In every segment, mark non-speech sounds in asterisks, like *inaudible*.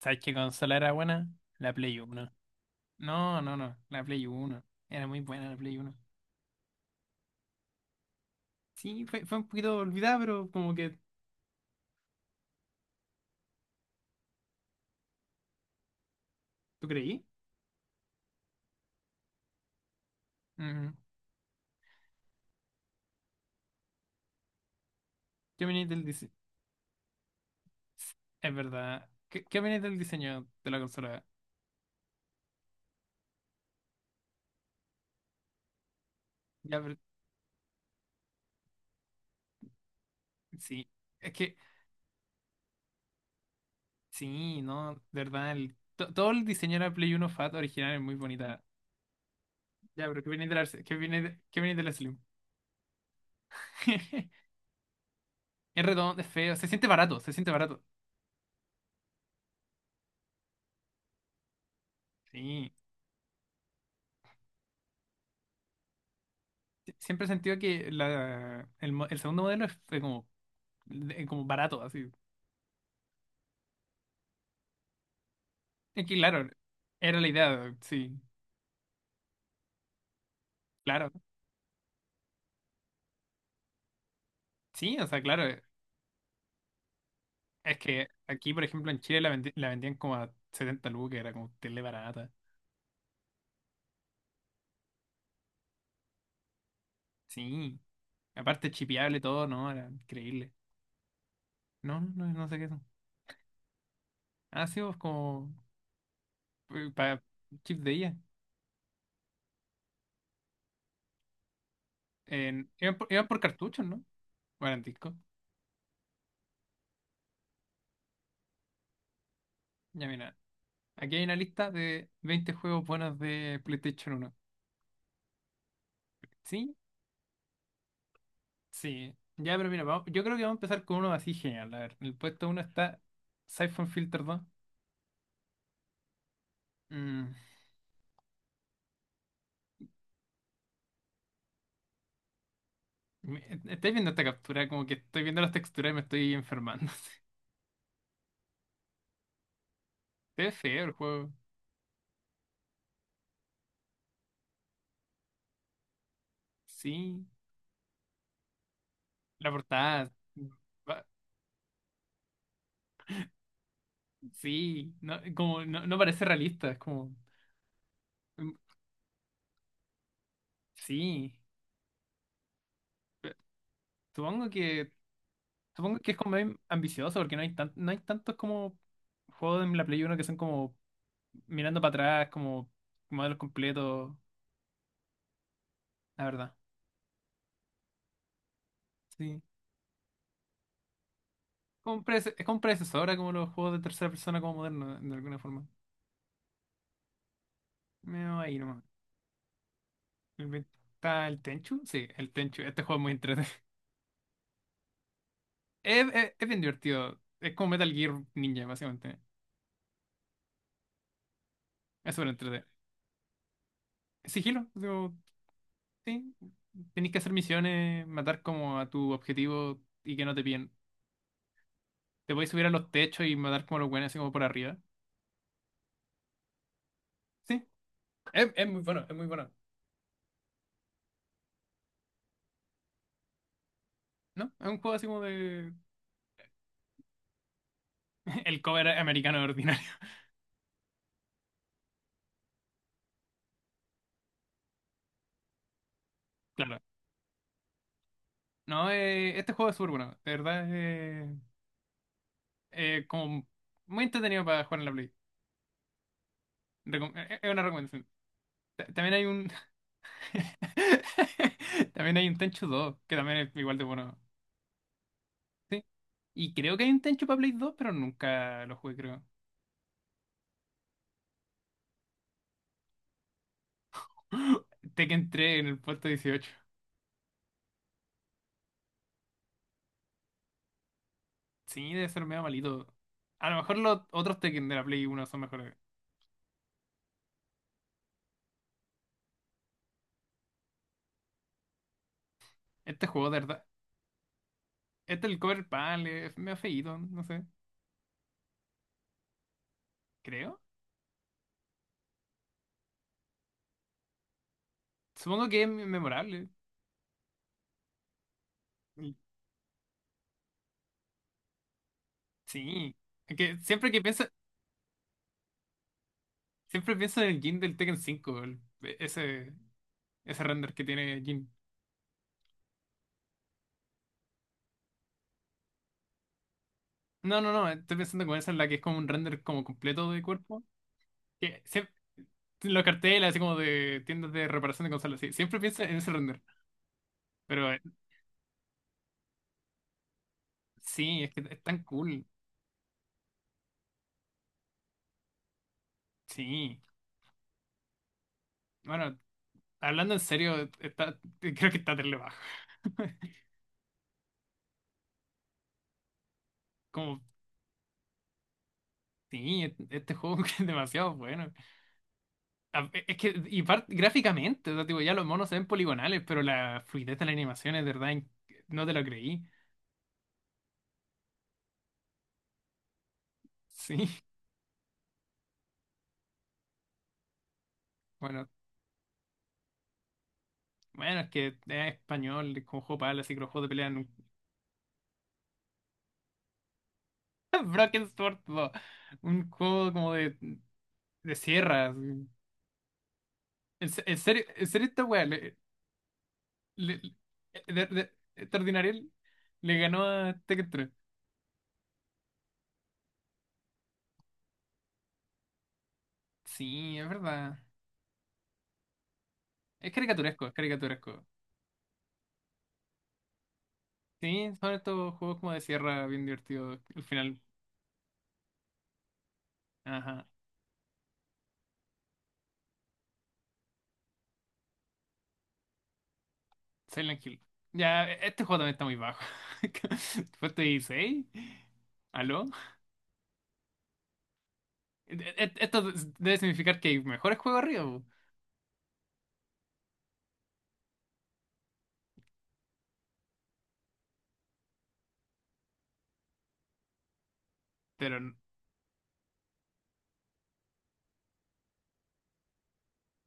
¿Sabes qué consola era buena? La Play uno. No, no, no, la Play uno. Era muy buena la Play uno. Sí, fue un poquito olvidada, pero como que... ¿Tú creí? Mm. ¿Qué opináis del diseño? Es verdad. ¿Qué opináis del diseño de la consola? Ya, pero- sí. Es que, sí, no, de verdad, todo el diseño de la Play uno Fat original es muy bonita. Ya, pero qué opináis de la Slim? *laughs* Es redondo, es feo, se siente barato, se siente barato. Sí. Siempre he sentido que el segundo modelo fue como, como barato, así. Es que, claro, era la idea, sí, claro. Sí, o sea, claro, es que aquí, por ejemplo, en Chile la vendían como a 70 lucas, era como tele barata. Sí, aparte chipeable todo, ¿no? Era increíble. No, no, no sé qué son. Ah, sí, pues como para chips de ella. Iban por cartuchos, ¿no? Bueno, en disco. Ya mira, aquí hay una lista de 20 juegos buenos de PlayStation uno. Sí, sí, ya, pero mira, yo creo que vamos a empezar con uno así genial. A ver, el puesto uno está Siphon Filter dos. Mm, me- ¿Estáis viendo esta captura? Como que estoy viendo las texturas y me estoy enfermando. *laughs* Se ve feo el juego. Sí, la portada. va- Sí, no, como, no, no parece realista, es como. mm, Sí, pe- supongo que, supongo que es como bien ambicioso porque no hay tantos como juegos en la Play Uno que son como mirando para atrás, como modelos completos, la verdad. Sí. Es como un predecesor a como los juegos de tercera persona como moderno, de alguna forma. Medio ahí nomás. El- ¿Está el Tenchu? Sí, el Tenchu. Este juego es muy entretenido. *laughs* Es bien divertido. Es como Metal Gear Ninja, básicamente. Es súper entretenido. Sigilo, digo, sí. Tenéis que hacer misiones, matar como a tu objetivo y que no te pillen. Te podéis subir a los techos y matar como a los buenos así como por arriba. Sí. Es muy bueno, es muy bueno. ¿No? Es un juego así como de... *laughs* El cover americano ordinario. *laughs* Claro. No, este juego es súper bueno. De verdad, como muy entretenido para jugar en la Play. Es una recomendación. También hay un. *laughs* También hay un Tenchu dos que también es igual de bueno. Sí. Y creo que hay un Tenchu para Play 2 pero nunca lo jugué, creo. *gasps* Tekken 3 en el puesto 18. Sí, debe ser medio malito. A lo mejor los otros Tekken de la Play uno son mejores. Este juego, de verdad. Este, el Cover Pal, es medio feíto, no sé. Creo. Supongo que es memorable. Sí, es que siempre pienso en el Jin del Tekken 5, ese, ese render que tiene Jin. No, no, no, estoy pensando con esa en la que es como un render como completo de cuerpo. Que siempre, los carteles así como de tiendas de reparación de consolas, sí, siempre pienso en ese render. Pero sí, es que es tan cool. Sí. Bueno, hablando en serio, creo que está terrible bajo. *laughs* Como, sí, este juego *laughs* es demasiado bueno. Es que, gráficamente, o sea, tipo, ya los monos se ven poligonales, pero la fluidez de la animación es de verdad, no te lo creí. *laughs* Sí, bueno, bueno, es que es español, es como juego para así que los juegos de pelea. *laughs* Broken Sword 2, un juego como de sierras. En serio, en serio, esta weá, le- le- de- de- extraordinario, le ganó a Tekken 3. Sí, es verdad. Es caricaturesco, es caricaturesco. Sí, son estos juegos como de sierra bien divertidos al final. Ajá. Silent Hill. Ya, este juego también está muy bajo. *laughs* Puesto 16. ¿Aló? Esto debe significar que hay mejores juegos arriba, po. Pero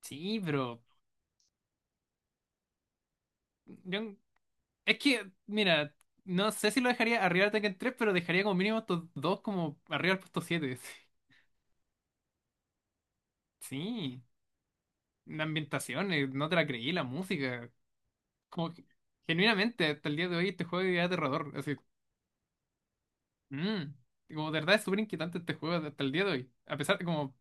sí, yo, es que, mira, no sé si lo dejaría arriba de Tekken 3, pero dejaría como mínimo estos dos como arriba del puesto 7. *laughs* Sí, la ambientación, no te la creí, la música. Como que, genuinamente, hasta el día de hoy este juego es aterrador. Así, mm. Como de verdad es súper inquietante este juego hasta el día de hoy. A pesar de como,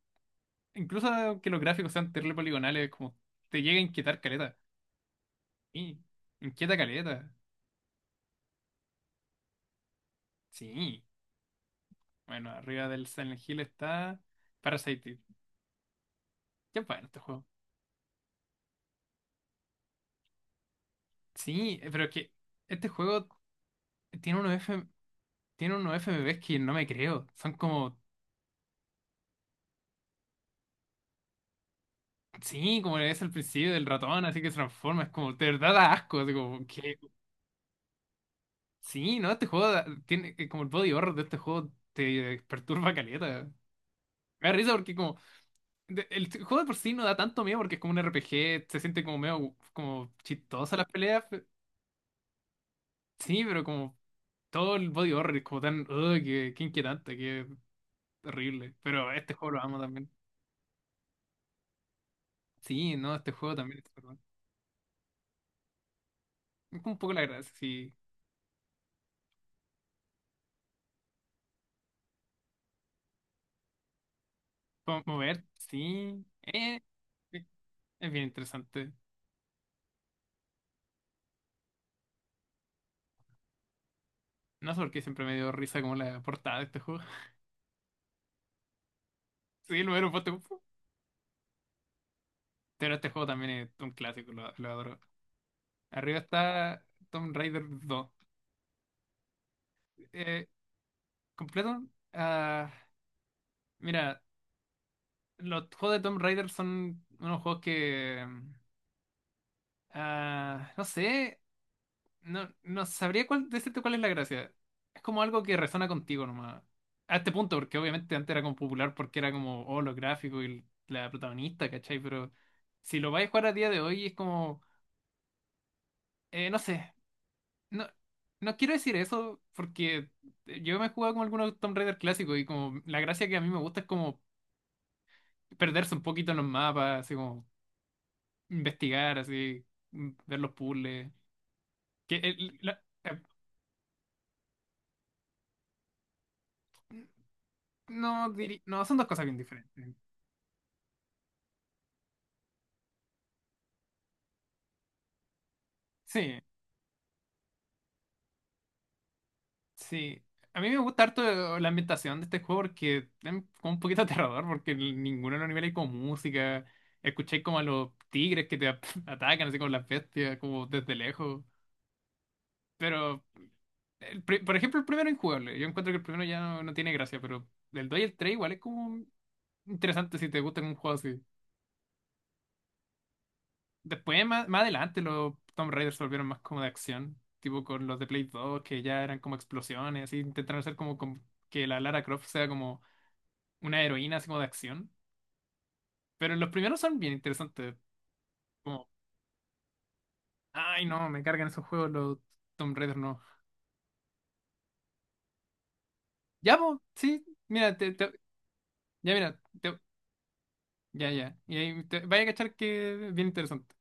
incluso que los gráficos sean terrible poligonales, como te llega a inquietar caleta. Sí, inquieta caleta. Sí. Bueno, arriba del Silent Hill está Parasite Eve. Qué bueno este juego. Sí, pero es que este juego tiene unos F... tiene unos FMVs que no me creo. Son como, sí, como le ves al principio del ratón, así que se transforma. Es como, de verdad da asco, así como que... Sí, no, este juego tiene como el body horror de este juego te perturba caleta. Me da risa porque el juego de por sí no da tanto miedo porque es como un RPG, se siente como medio como chistosa las peleas. Sí, pero como todo el body horror es como tan, "Ugh, que inquietante, que horrible. Pero este juego lo amo también. Sí, no, este juego también es súper bueno. Es como un poco la gracia, sí. Mover, sí. Eh, es bien interesante. No sé por qué siempre me dio risa como la portada de este juego. *laughs* Sí, lo era un poste. Pero este juego también es un clásico, lo adoro. Arriba está Tomb Raider dos. Eh, Completo. Ah, mira, los juegos de Tomb Raider son unos juegos que. Ah, no sé. No, no sabría decirte cuál es la gracia. Es como algo que resona contigo nomás. A este punto, porque obviamente antes era como popular porque era como, oh, los gráficos y la protagonista, ¿cachai? Pero si lo vais a jugar a día de hoy es como, no sé. No, no quiero decir eso porque yo me he jugado con algunos Tomb Raider clásicos y como la gracia que a mí me gusta es como perderse un poquito en los mapas, así como investigar, así, ver los puzzles. Que el- la- eh, no, no, son dos cosas bien diferentes. Sí, sí. A mí me gusta harto la ambientación de este juego porque es como un poquito *laughs* aterrador, porque en ninguno de los niveles hay como música. Escuché como a los tigres que te *laughs* atacan, así como las bestias, como desde lejos. Pero, por ejemplo, el primero es injugable. Yo encuentro que el primero ya no tiene gracia, pero el 2 y el 3 igual es como interesante si te gusta un juego así. Después, más adelante, los Tomb Raiders se volvieron más como de acción, tipo con los de Play 2, que ya eran como explosiones, y intentaron hacer como, que la Lara Croft sea como una heroína, así como de acción. Pero los primeros son bien interesantes, como, ay no, me cargan esos juegos, los Tomb Raiders no. Ya, pues, sí, mira, ya, mira, ya, ya, y ahí vaya a cachar que es bien interesante.